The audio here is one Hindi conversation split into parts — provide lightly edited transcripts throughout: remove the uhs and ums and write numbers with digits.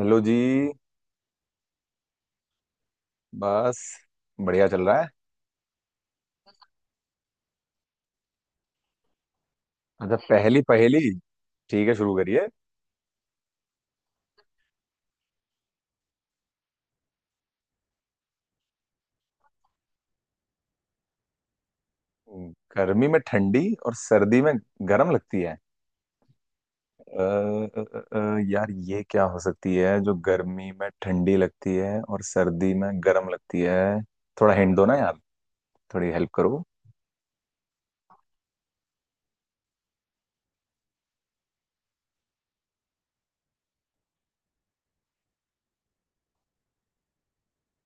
हेलो जी। बस बढ़िया चल रहा है। अच्छा, पहली पहेली। ठीक है, शुरू करिए। गर्मी में ठंडी और सर्दी में गर्म लगती है? अ, यार, ये क्या हो सकती है जो गर्मी में ठंडी लगती है और सर्दी में गर्म लगती है? थोड़ा हिंट दो ना यार। थोड़ी हेल्प करो।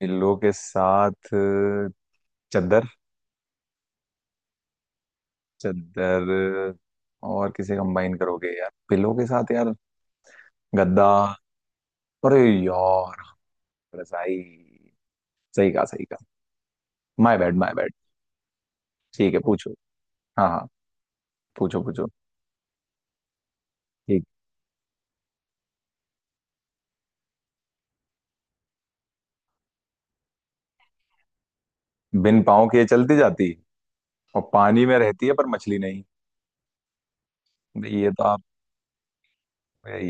पिल्लों के साथ चद्दर। चद्दर और किसे कंबाइन करोगे यार पिल्लों के साथ यार? गद्दा। अरे यार, रजाई। सही कहा, सही कहा। My bad, my bad. ठीक है, पूछो। हाँ हाँ, पूछो पूछो। ठीक। बिन पाँव के चलती जाती है और पानी में रहती है पर मछली नहीं। ये तो आप,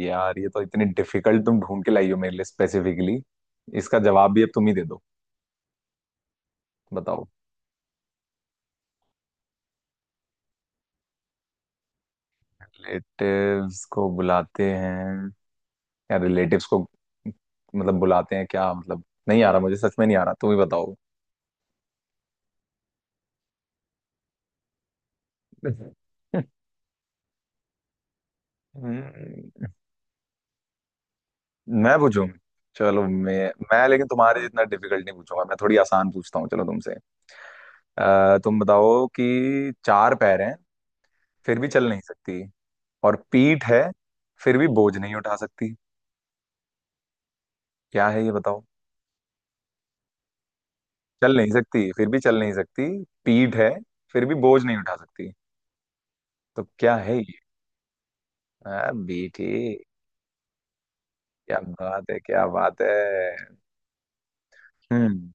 यार ये तो इतनी डिफिकल्ट तुम ढूंढ के लाई हो मेरे लिए स्पेसिफिकली। इसका जवाब भी अब तुम ही दे दो। बताओ। रिलेटिव्स को बुलाते हैं या रिलेटिव्स को मतलब बुलाते हैं, क्या मतलब? नहीं आ रहा, मुझे सच में नहीं आ रहा, तुम ही बताओ। हम्म, मैं पूछूं? चलो मैं लेकिन तुम्हारे जितना डिफिकल्ट नहीं पूछूंगा। मैं थोड़ी आसान पूछता हूँ, चलो तुमसे। तुम बताओ कि चार पैर हैं फिर भी चल नहीं सकती, और पीठ है फिर भी बोझ नहीं उठा सकती। क्या है ये, बताओ? चल नहीं सकती, फिर भी चल नहीं सकती। पीठ है फिर भी बोझ नहीं उठा सकती। तो क्या है ये? बेटी। क्या बात है, क्या बात है। हम्म।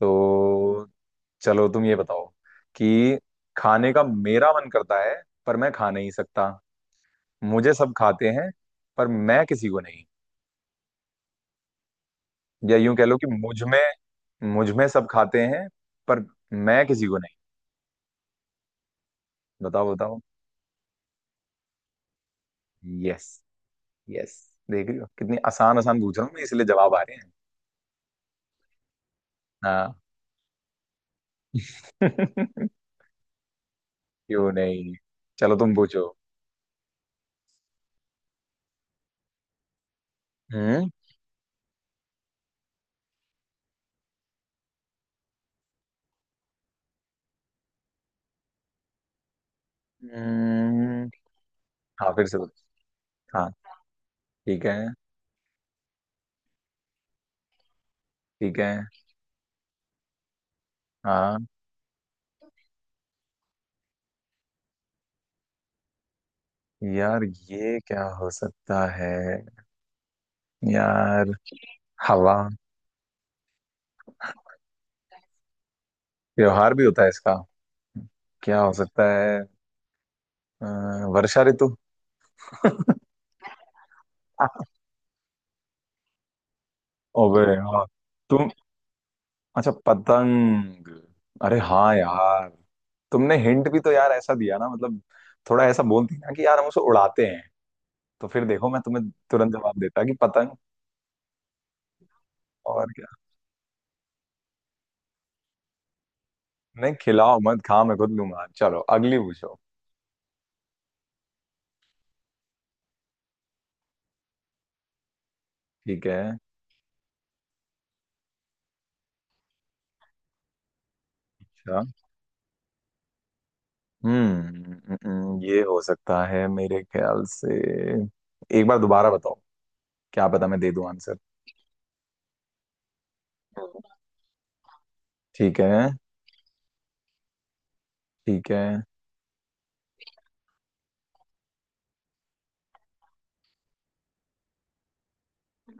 तो चलो तुम ये बताओ कि खाने का मेरा मन करता है पर मैं खा नहीं सकता। मुझे सब खाते हैं पर मैं किसी को नहीं। या यूं कह लो कि मुझ में सब खाते हैं पर मैं किसी को नहीं। बताओ बताओ। Yes yes. देख रही हो कितनी आसान आसान पूछ रहा हूँ मैं, इसलिए जवाब आ रहे हैं। हाँ। क्यों नहीं। चलो तुम पूछो। हम्म हम्म, हाँ फिर से पूछो। हाँ, ठीक है, ठीक है। हाँ यार, ये क्या हो सकता है यार? हवा। त्योहार भी होता है इसका? क्या हो सकता है? अ, वर्षा ऋतु। ओबे हाँ। तुम। अच्छा पतंग। अरे हाँ यार। तुमने हिंट भी तो यार ऐसा दिया ना, मतलब थोड़ा ऐसा बोलती ना कि यार हम उसे उड़ाते हैं, तो फिर देखो मैं तुम्हें तुरंत जवाब देता कि पतंग। और क्या। नहीं, खिलाओ मत, खा मैं खुद लूंगा। चलो अगली पूछो। ठीक है। अच्छा। ये हो सकता है मेरे ख्याल से। एक बार दोबारा बताओ। क्या पता मैं दे दूं आंसर। ठीक है, ठीक है।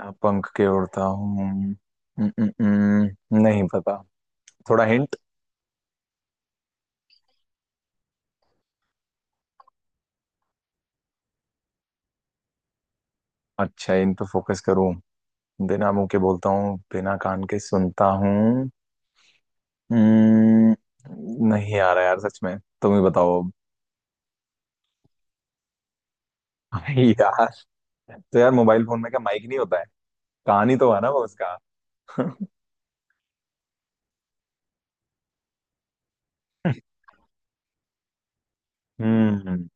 अब पंख के उड़ता हूँ। नहीं पता। थोड़ा हिंट। अच्छा, इन पे फोकस करूँ? बिना मुंह के बोलता हूँ, बिना कान के सुनता हूँ। हम्म, नहीं आ रहा यार, सच में तुम ही बताओ अब। यार, तो यार मोबाइल फोन में क्या माइक नहीं होता है? कान ही तो है ना वो उसका। हम्म।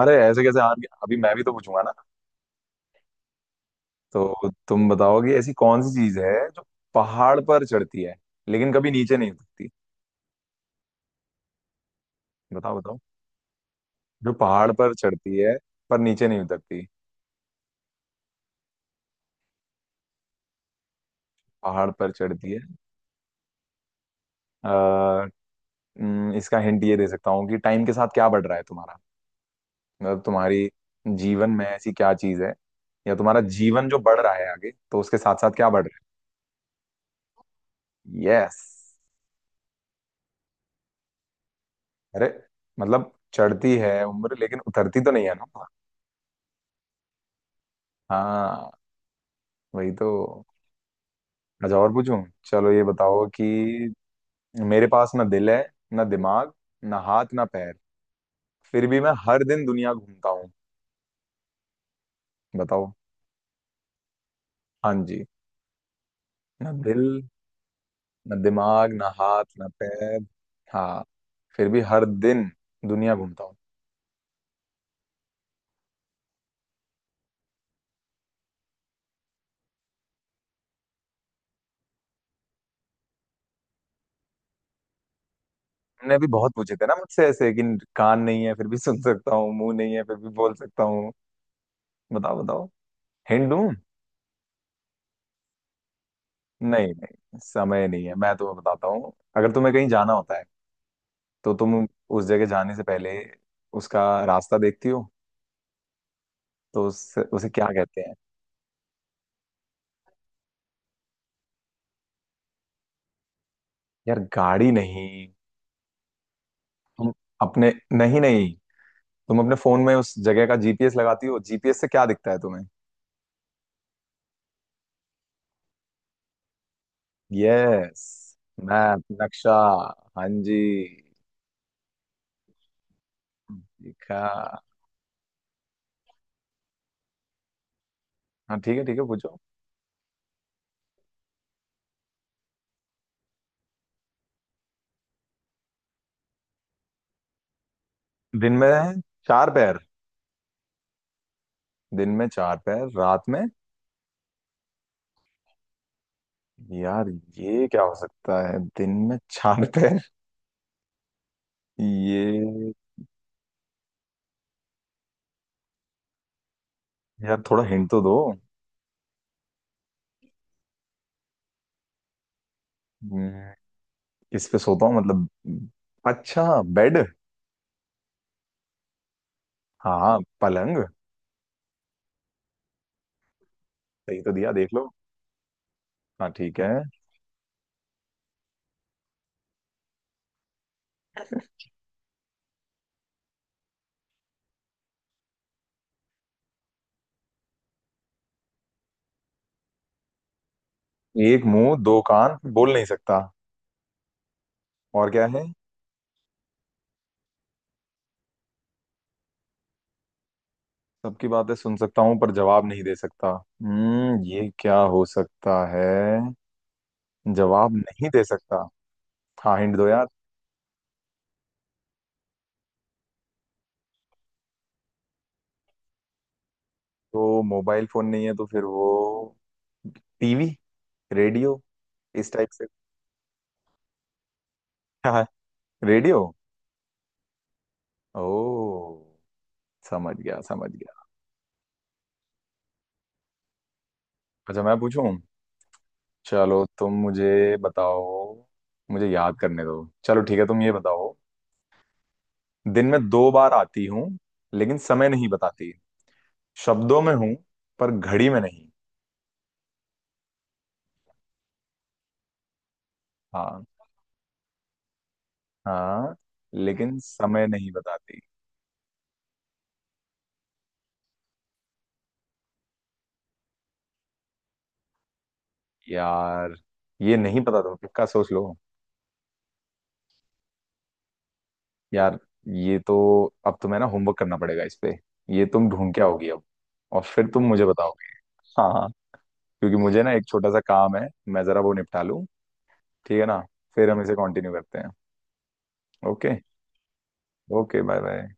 अरे ऐसे कैसे हार गया, अभी मैं भी तो पूछूंगा ना। तो तुम बताओ कि ऐसी कौन सी चीज है जो पहाड़ पर चढ़ती है लेकिन कभी नीचे नहीं उतरती। बताओ बताओ। जो पहाड़ पर चढ़ती है पर नीचे नहीं उतरती। पहाड़ पर चढ़ती है। आ, इसका हिंट ये दे सकता हूँ कि टाइम के साथ क्या बढ़ रहा है तुम्हारा, मतलब तुम्हारी जीवन में ऐसी क्या चीज है, या तुम्हारा जीवन जो बढ़ रहा है आगे, तो उसके साथ साथ क्या बढ़ रहा है? यस। अरे, मतलब चढ़ती है उम्र, लेकिन उतरती तो नहीं है ना। हाँ, वही तो। अच्छा और पूछूं। चलो ये बताओ कि मेरे पास ना दिल है, ना दिमाग, ना हाथ ना पैर। फिर भी मैं हर दिन दुनिया घूमता हूँ। बताओ। हाँ जी। ना दिल, ना दिमाग, ना हाथ ना पैर। हाँ। फिर भी हर दिन दुनिया घूमता हूँ। तुमने भी बहुत पूछे थे ना मुझसे ऐसे कि कान नहीं है फिर भी सुन सकता हूँ, मुंह नहीं है फिर भी बोल सकता हूँ। बताओ बताओ, हिंट दूँ? नहीं नहीं, समय नहीं है, मैं तुम्हें बताता हूँ। अगर तुम्हें कहीं जाना होता है तो तुम उस जगह जाने से पहले उसका रास्ता देखती हो, तो उससे उसे क्या कहते हैं? यार गाड़ी नहीं। तुम अपने। नहीं नहीं, तुम अपने फोन में उस जगह का जीपीएस लगाती हो। जीपीएस से क्या दिखता है तुम्हें? यस। मैप, नक्शा। हाँ जी। दिखा। हाँ ठीक है, ठीक है, पूछो। दिन में चार पैर। दिन में चार पैर, रात में। यार ये क्या हो सकता है, दिन में चार पैर? ये। यार थोड़ा हिंट तो दो। हम्म, किस पे सोता हूँ मतलब? अच्छा, बेड। हाँ, पलंग। सही तो दिया, देख लो। हाँ ठीक है। एक मुंह दो कान, बोल नहीं सकता, और क्या है? सबकी बातें सुन सकता हूँ पर जवाब नहीं दे सकता। ये क्या हो सकता है, जवाब नहीं दे सकता? हाँ हिंट दो यार। तो मोबाइल फोन नहीं है, तो फिर वो टीवी, रेडियो इस टाइप से? हाँ रेडियो। ओ, समझ गया, समझ गया। अच्छा, मैं पूछूं। चलो तुम मुझे बताओ। मुझे याद करने दो। चलो ठीक है, तुम ये बताओ। दिन में दो बार आती हूँ लेकिन समय नहीं बताती। शब्दों में हूँ पर घड़ी में नहीं। हाँ हाँ, लेकिन समय नहीं बताती। यार, ये नहीं पता तुम्हें? पक्का सोच लो। यार, ये तो अब तुम्हें ना होमवर्क करना पड़ेगा इस पे। ये तुम ढूंढ के आओगी अब, और फिर तुम मुझे बताओगे। हाँ हाँ। क्योंकि मुझे ना एक छोटा सा काम है, मैं जरा वो निपटा लूँ। ठीक है ना? फिर हम इसे कंटिन्यू करते हैं। ओके। Okay, bye bye.